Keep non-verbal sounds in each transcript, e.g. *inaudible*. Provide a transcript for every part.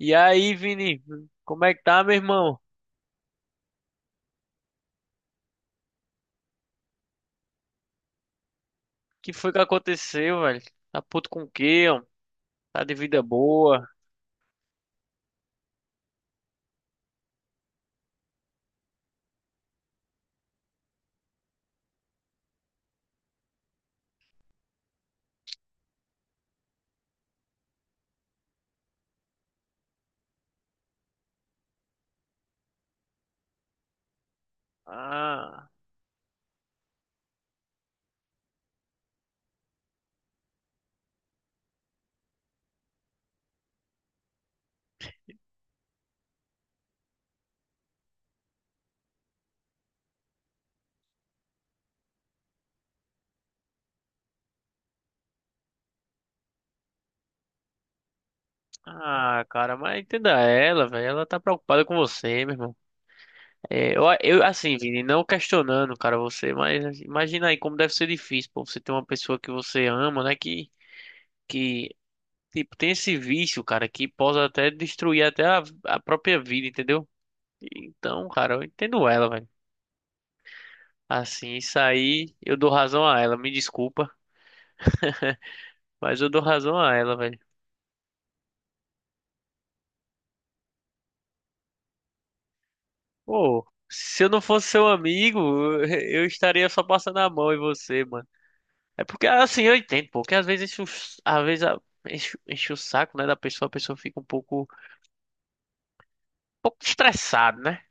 E aí, Vini, como é que tá, meu irmão? O que foi que aconteceu, velho? Tá puto com o quê, ó? Tá de vida boa? Ah, cara, mas entenda ela, velho. Ela tá preocupada com você, meu irmão. É, assim, Vini, não questionando, cara, você, mas imagina aí como deve ser difícil, pô, você ter uma pessoa que você ama, né, que, tipo, tem esse vício, cara, que pode até destruir até a própria vida, entendeu? Então, cara, eu entendo ela, velho. Assim, isso aí eu dou razão a ela, me desculpa, mas eu dou razão a ela, velho. Pô, se eu não fosse seu amigo, *laughs* eu estaria só passando a mão em você, mano. É porque assim, eu entendo, pô, que às vezes enche o saco, né, da pessoa, a pessoa fica um pouco estressada, né?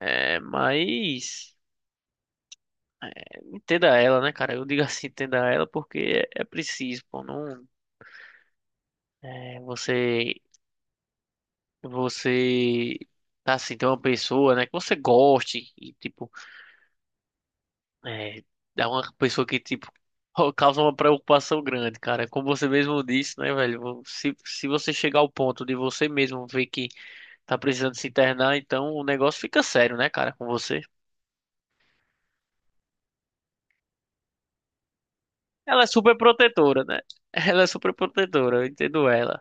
É, mas entenda ela, né, cara? Eu digo assim, entenda ela porque é preciso, pô, não é você tá assim, tem uma pessoa, né, que você goste e tipo. É, é uma pessoa que, tipo, *laughs* causa uma preocupação grande, cara. Como você mesmo disse, né, velho? Se você chegar ao ponto de você mesmo ver que tá precisando se internar, então o negócio fica sério, né, cara, com você. Ela é super protetora, né? *laughs* Ela é super protetora, eu entendo ela.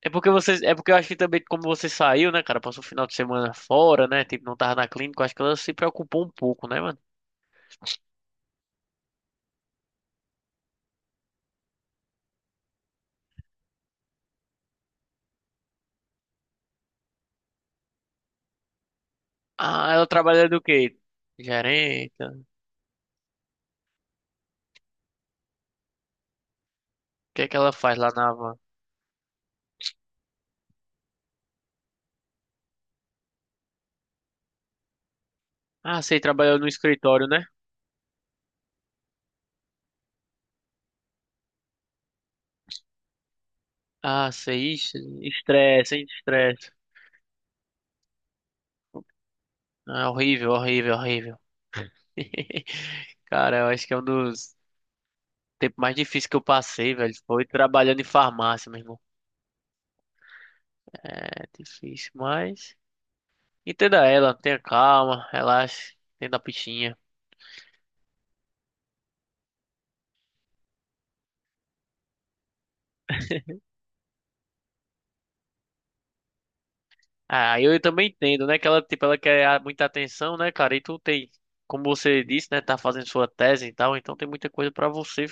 É porque eu acho que também como você saiu, né, cara, passou o final de semana fora, né, tipo, não tava na clínica, eu acho que ela se preocupou um pouco, né, mano? Ah, ela trabalha do quê? Gerente? O que é que ela faz lá na van? Ah, sei, trabalhou no escritório, né? Ah, sei, ixi, estresse, hein? Estresse. Ah, horrível, horrível, horrível. *laughs* Cara, eu acho que é um dos tempos mais difíceis que eu passei, velho. Foi trabalhando em farmácia, meu irmão. É difícil, mas entenda ela, tenha calma, relaxe, entenda a pichinha. Ah, eu também entendo, né? Que ela, tipo, ela quer muita atenção, né, cara? E tu tem, como você disse, né? Tá fazendo sua tese e tal, então tem muita coisa pra você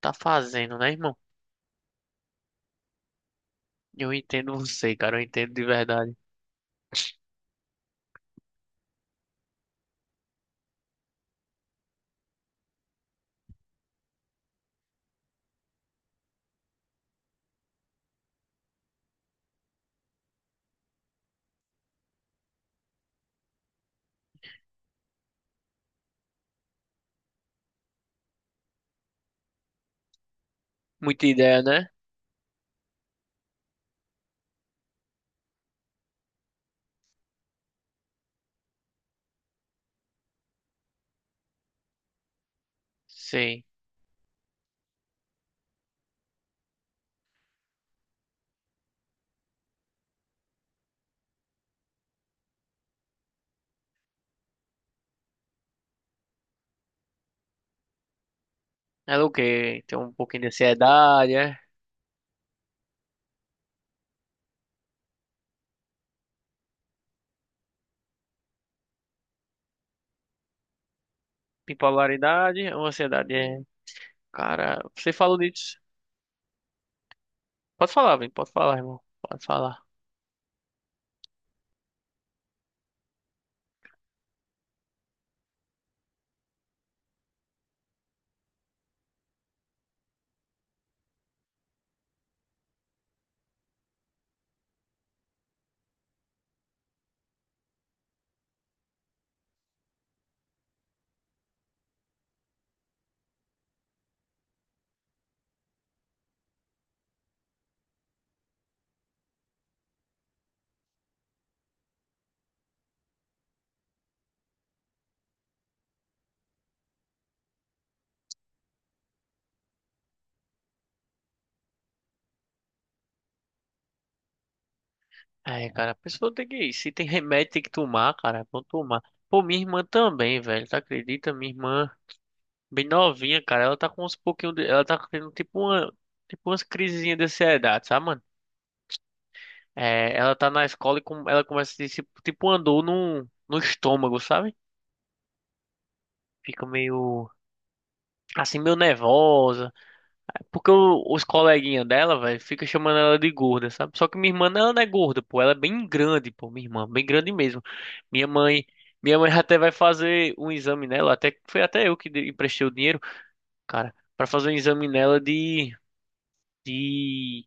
tá fazendo, né, irmão? Eu entendo você, cara, eu entendo de verdade. Muita ideia, né? Sim. Ela o quê? Tem um pouquinho de ansiedade, é? Bipolaridade ou ansiedade? É. Cara, você falou disso. Pode falar, vem, pode falar, irmão. Pode falar. É, cara, a pessoa tem que ir. Se tem remédio, tem que tomar, cara. Vamos tomar. Pô, minha irmã também, velho. Tá acredita? Minha irmã, bem novinha, cara. Ela tá com uns pouquinho de... Ela tá tendo tipo uma. Tipo umas crisezinhas de ansiedade, sabe, mano? É, ela tá na escola e com... ela começa a ter tipo um andor no... no estômago, sabe? Fica meio assim, meio nervosa. Porque os coleguinhas dela, velho, fica chamando ela de gorda, sabe? Só que minha irmã, ela não é gorda, pô. Ela é bem grande, pô, minha irmã. Bem grande mesmo. Minha mãe... Minha mãe *laughs* até vai fazer um exame nela. Até, foi até eu que emprestei o dinheiro, cara. Pra fazer um exame nela de... De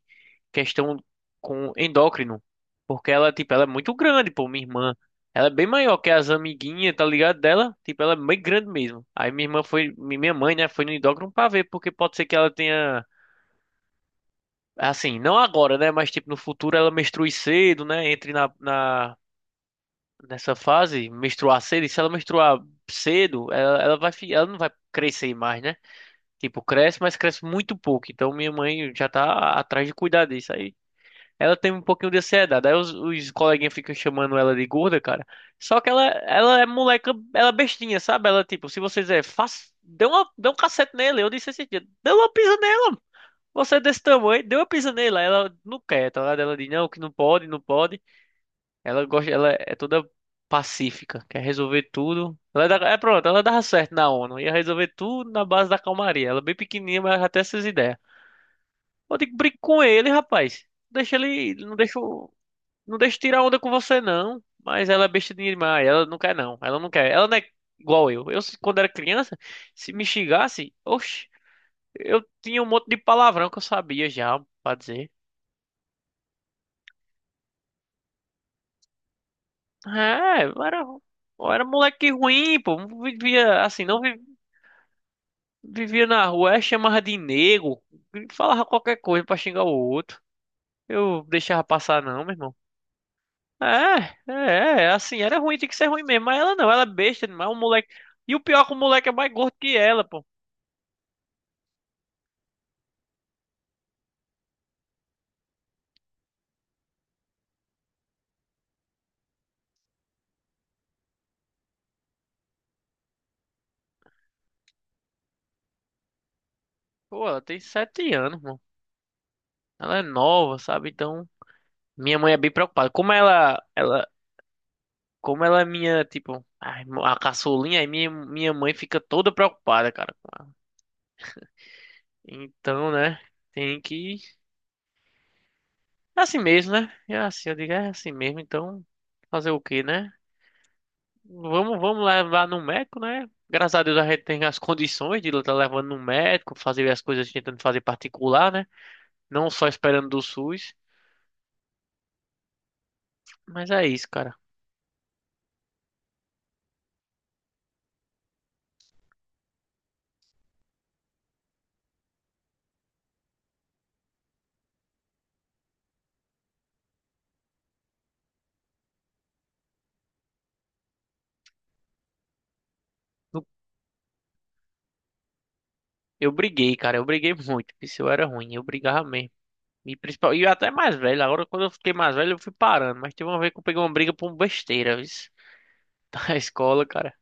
questão com endócrino, porque ela, tipo, ela é muito grande, pô, minha irmã. Ela é bem maior que as amiguinhas, tá ligado? Dela, tipo, ela é bem grande mesmo. Aí minha irmã foi, minha mãe, né, foi no endócrino pra ver, porque pode ser que ela tenha, assim, não agora, né, mas tipo, no futuro ela menstrue cedo, né, entre na, nessa fase, menstruar cedo, e se ela menstruar cedo, ela vai, ela não vai crescer mais, né? Tipo, cresce, mas cresce muito pouco. Então minha mãe já tá atrás de cuidar disso aí. Ela tem um pouquinho de ansiedade. Aí os coleguinhas ficam chamando ela de gorda, cara. Só que ela é moleca, ela é bestinha, sabe? Ela, tipo, se você dizer, faz, dê um cacete nele. Eu disse esse dia, dê uma pisa nela. Você é desse tamanho, dê uma pisa nele. Aí ela não quer, tá ligado? Ela diz, não, que não pode, não pode. Ela gosta, ela é toda pacífica, quer resolver tudo. Ela é, da- é, pronto, ela dava certo na ONU. Ia resolver tudo na base da calmaria. Ela é bem pequenininha, mas ela já tem essas ideias. Eu digo, brinca com ele, rapaz. Deixa ele, não deixa eu tirar onda com você, não. Mas ela é besta demais. Ela não quer, não. Ela não quer. Ela não é igual eu. Eu, quando era criança, se me xingasse, oxe, eu tinha um monte de palavrão que eu sabia já pra dizer. É, eu era moleque ruim, pô. Não vivia assim, não vi- vivia na rua, é, chamava de nego. Falava qualquer coisa pra xingar o outro. Eu deixava passar, não, meu irmão. Assim, era ruim, tinha que ser ruim mesmo. Mas ela não, ela é besta demais. Um moleque. E o pior é que o moleque é mais gordo que ela, pô. Pô, ela tem 7 anos, mano. Ela é nova, sabe? Então, minha mãe é bem preocupada. Como ela é minha, tipo, a caçulinha, aí minha mãe fica toda preocupada, cara, com ela. Então, né? Tem que. É assim mesmo, né? É assim, eu digo, é assim mesmo. Então, fazer o quê, né? Vamos levar no médico, né? Graças a Deus a gente tem as condições de estar levando no médico, fazer as coisas tentando fazer particular, né? Não só esperando do SUS. Mas é isso, cara. Eu briguei, cara, eu briguei muito, porque se eu era ruim, eu brigava mesmo. E, principal, e eu até mais velho, agora quando eu fiquei mais velho eu fui parando, mas teve uma vez que eu peguei uma briga por besteira, viu? *laughs* Da escola, cara.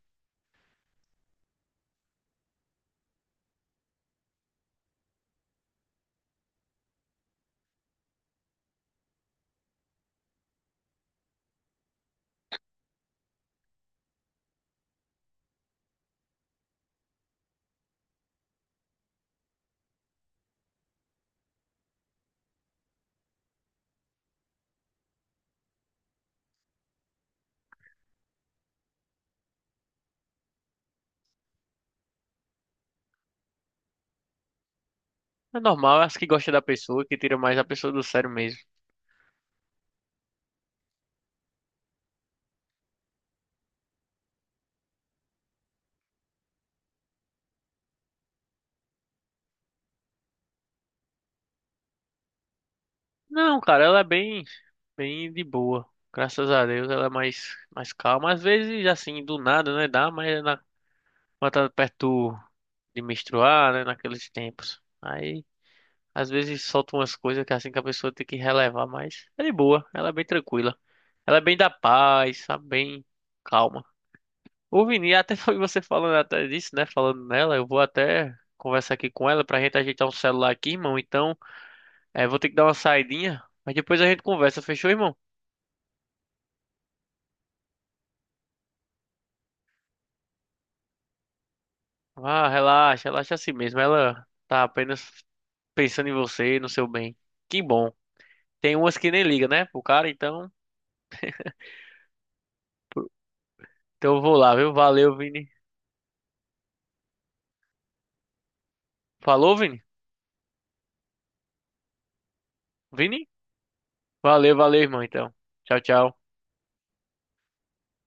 É normal, eu acho que gosta da pessoa, que tira mais a pessoa do sério mesmo. Não, cara, bem de boa. Graças a Deus ela é mais calma. Às vezes, assim, do nada, né? Dá, mas é na, quando tá perto de menstruar, né? Naqueles tempos. Aí, às vezes solta umas coisas que é assim que a pessoa tem que relevar, mas é de boa, ela é bem tranquila. Ela é bem da paz, sabe? Bem calma. O Vini, até foi *laughs* você falando até disso, né? Falando nela, eu vou até conversar aqui com ela pra gente ajeitar um celular aqui, irmão. Então, é, vou ter que dar uma saidinha, mas depois a gente conversa, fechou, irmão? Ah, relaxa, relaxa assim mesmo. Ela tá apenas pensando em você, no seu bem. Que bom. Tem umas que nem liga, né? Pro cara, então. Então eu vou lá, viu? Valeu, Vini. Falou, Vini? Vini? Valeu, valeu, irmão, então. Tchau, tchau.